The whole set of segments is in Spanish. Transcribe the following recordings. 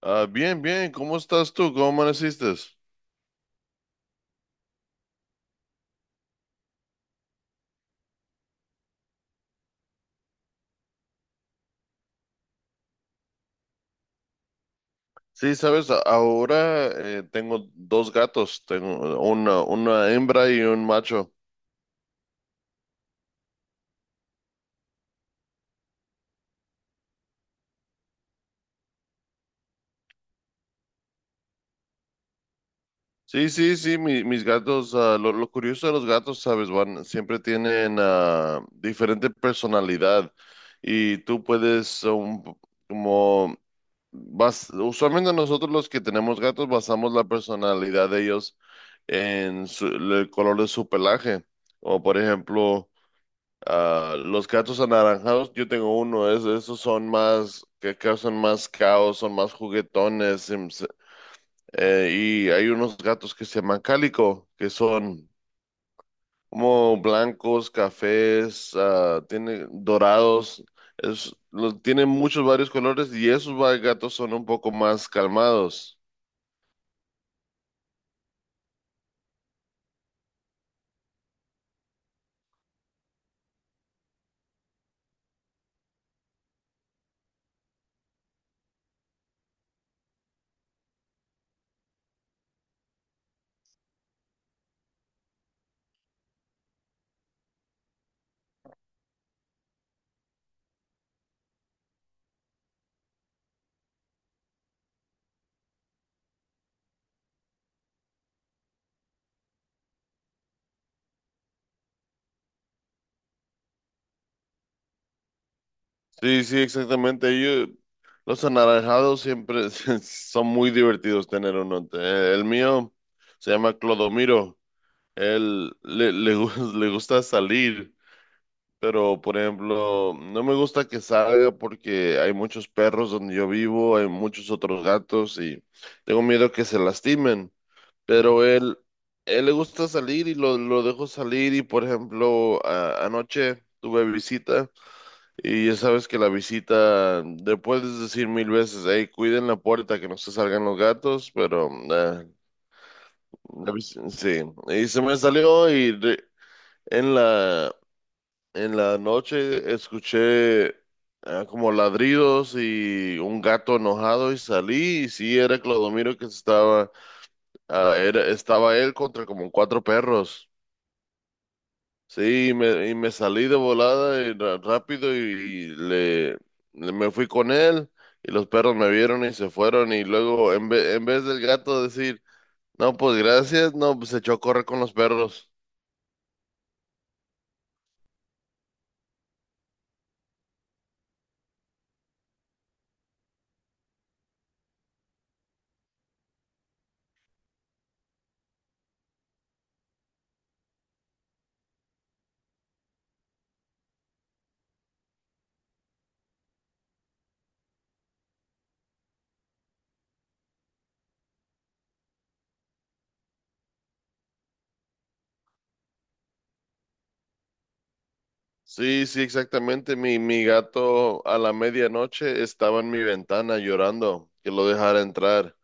Ah, bien, bien, ¿cómo estás tú? ¿Cómo amaneciste? Sí, sabes, ahora tengo dos gatos, tengo una, hembra y un macho. Sí, sí, sí, mis gatos, lo curioso de los gatos, sabes, van, siempre tienen diferente personalidad y tú puedes, como, usualmente nosotros los que tenemos gatos basamos la personalidad de ellos en el color de su pelaje. O por ejemplo. Ah, los gatos anaranjados, yo tengo uno, esos son más, que causan más caos, son más juguetones. Eh, y hay unos gatos que se llaman cálico, que son como blancos, cafés, tiene dorados, tienen muchos varios colores y gatos son un poco más calmados. Sí, sí, exactamente. Yo, los anaranjados siempre son muy divertidos tener uno. El mío se llama Clodomiro. Él le gusta salir, pero por ejemplo, no me gusta que salga porque hay muchos perros donde yo vivo, hay muchos otros gatos y tengo miedo que se lastimen. Pero él le gusta salir y lo dejo salir y por ejemplo, anoche tuve visita y ya sabes que la visita, le puedes decir mil veces, hey, cuiden la puerta, que no se salgan los gatos, pero, sí, y se me salió y en la, en la noche escuché como ladridos y un gato enojado y salí y sí era Clodomiro que estaba, estaba él contra como cuatro perros. Sí, y me salí de volada y rápido y, me fui con él y los perros me vieron y se fueron y luego en vez del gato decir, no, pues gracias, no, pues se echó a correr con los perros. Sí, sí, exactamente. Mi gato a la medianoche estaba en mi ventana llorando que lo dejara entrar.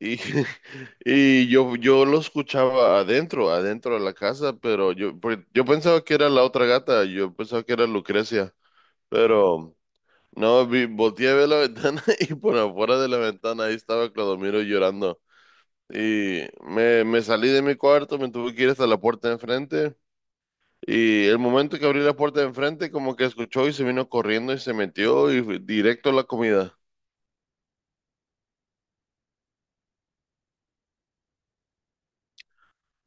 Y, y yo lo escuchaba adentro, adentro de la casa, pero yo pensaba que era la otra gata, yo pensaba que era Lucrecia, pero no, volteé a ver la ventana y por afuera de la ventana ahí estaba Clodomiro llorando. Y me salí de mi cuarto, me tuve que ir hasta la puerta de enfrente. Y el momento que abrí la puerta de enfrente, como que escuchó y se vino corriendo y se metió y fue directo a la comida.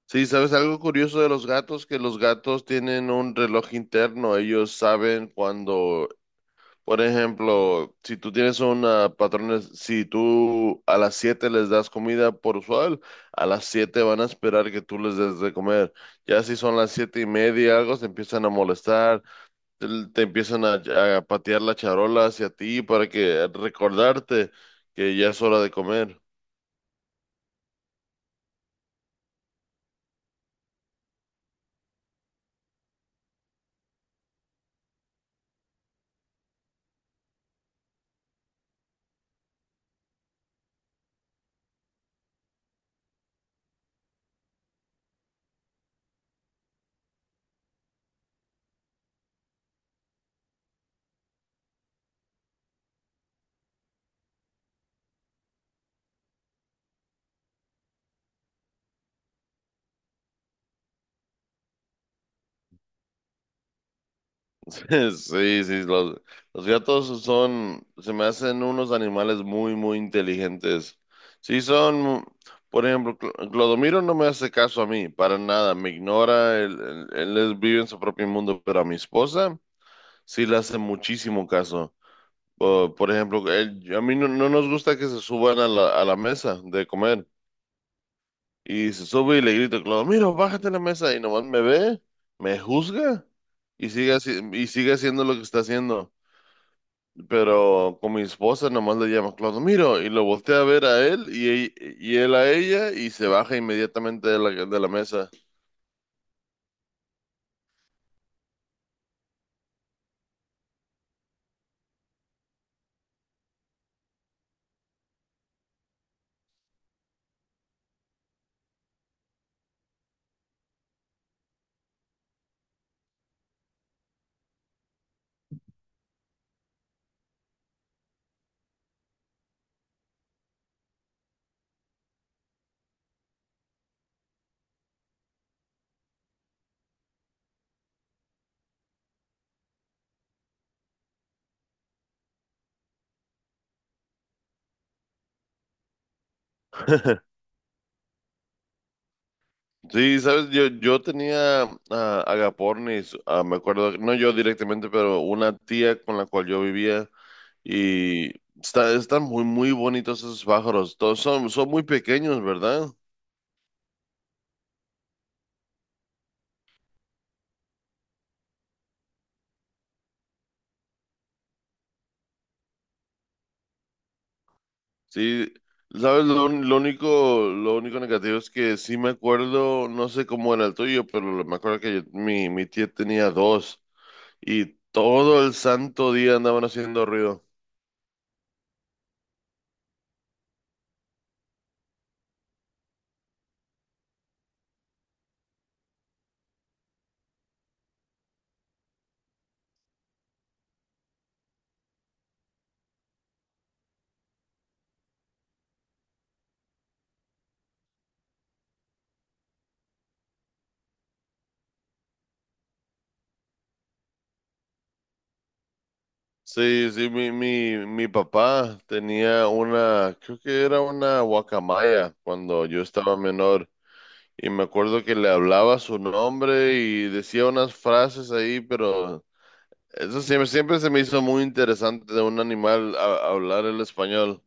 Sí, ¿sabes algo curioso de los gatos? Que los gatos tienen un reloj interno. Ellos saben cuando, por ejemplo, si tú tienes una patrona, si tú a las 7 les das comida por usual, a las 7 van a esperar que tú les des de comer. Ya si son las siete y media, algo, se empiezan a molestar te empiezan a patear la charola hacia ti para que recordarte que ya es hora de comer. Sí, sí, los gatos son, se me hacen unos animales muy, muy inteligentes. Sí, son, por ejemplo, Clodomiro no me hace caso a mí, para nada, me ignora, vive en su propio mundo, pero a mi esposa sí le hace muchísimo caso. Por ejemplo, a mí no nos gusta que se suban a la mesa de comer. Y se sube y le grito, claro, mira, bájate de la mesa y nomás me ve, me juzga y sigue haciendo lo que está haciendo. Pero con mi esposa nomás le llama Claudio, mira, y lo voltea a ver a él y, él a ella y se baja inmediatamente de la mesa. Sí, sabes, yo tenía a agapornis, me acuerdo, no yo directamente, pero una tía con la cual yo vivía y están muy, muy bonitos esos pájaros. Todos son muy pequeños, ¿verdad? Sí, sabes, lo único negativo es que sí me acuerdo, no sé cómo era el tuyo, pero me acuerdo que mi tía tenía dos y todo el santo día andaban haciendo ruido. Sí, sí, mi papá tenía una, creo que era una guacamaya cuando yo estaba menor y me acuerdo que le hablaba su nombre y decía unas frases ahí, pero eso siempre se me hizo muy interesante de un animal hablar el español.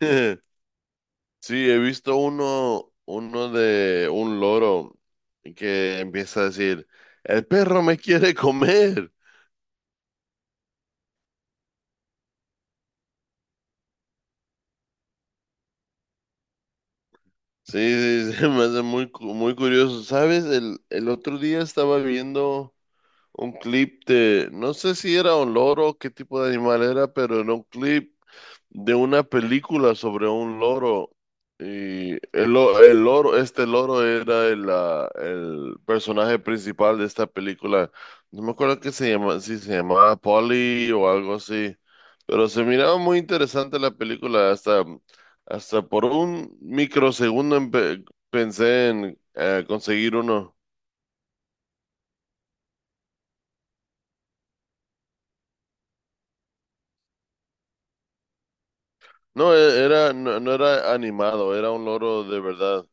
Sí, he visto uno de un loro que empieza a decir, el perro me quiere comer. Sí, sí, sí, me hace muy curioso. ¿Sabes? El otro día estaba viendo un clip de, no sé si era un loro, qué tipo de animal era, pero era un clip de una película sobre un loro. Y el loro, este loro era el personaje principal de esta película. No me acuerdo qué se llama, si se llamaba Polly o algo así. Pero se miraba muy interesante la película. Hasta por un microsegundo pensé en conseguir uno. No, era, no era animado, era un loro de verdad.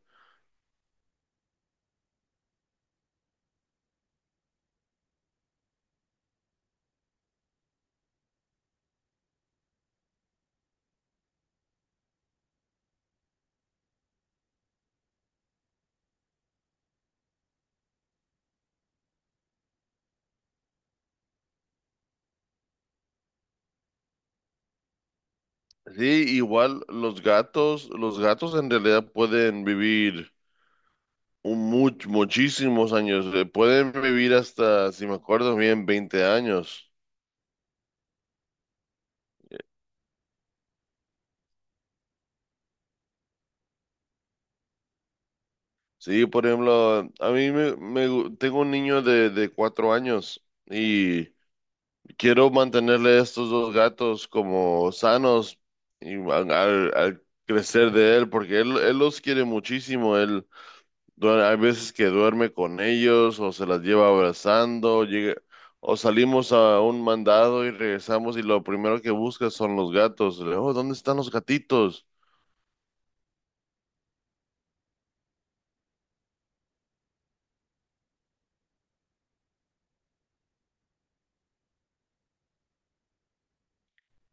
Sí, igual los gatos en realidad pueden vivir muchísimos años, pueden vivir hasta, si me acuerdo bien, 20 años. Sí, por ejemplo, a mí tengo un niño de, 4 años y quiero mantenerle a estos dos gatos como sanos y al crecer de él, porque él los quiere muchísimo. Hay veces que duerme con ellos o se las lleva abrazando, llega, o salimos a un mandado y regresamos y lo primero que busca son los gatos. Le, digo, oh, ¿dónde están los gatitos?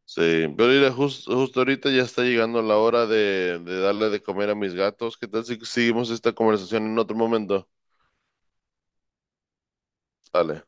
Sí, pero mira, justo ahorita ya está llegando la hora de, darle de comer a mis gatos. ¿Qué tal si seguimos esta conversación en otro momento? Dale.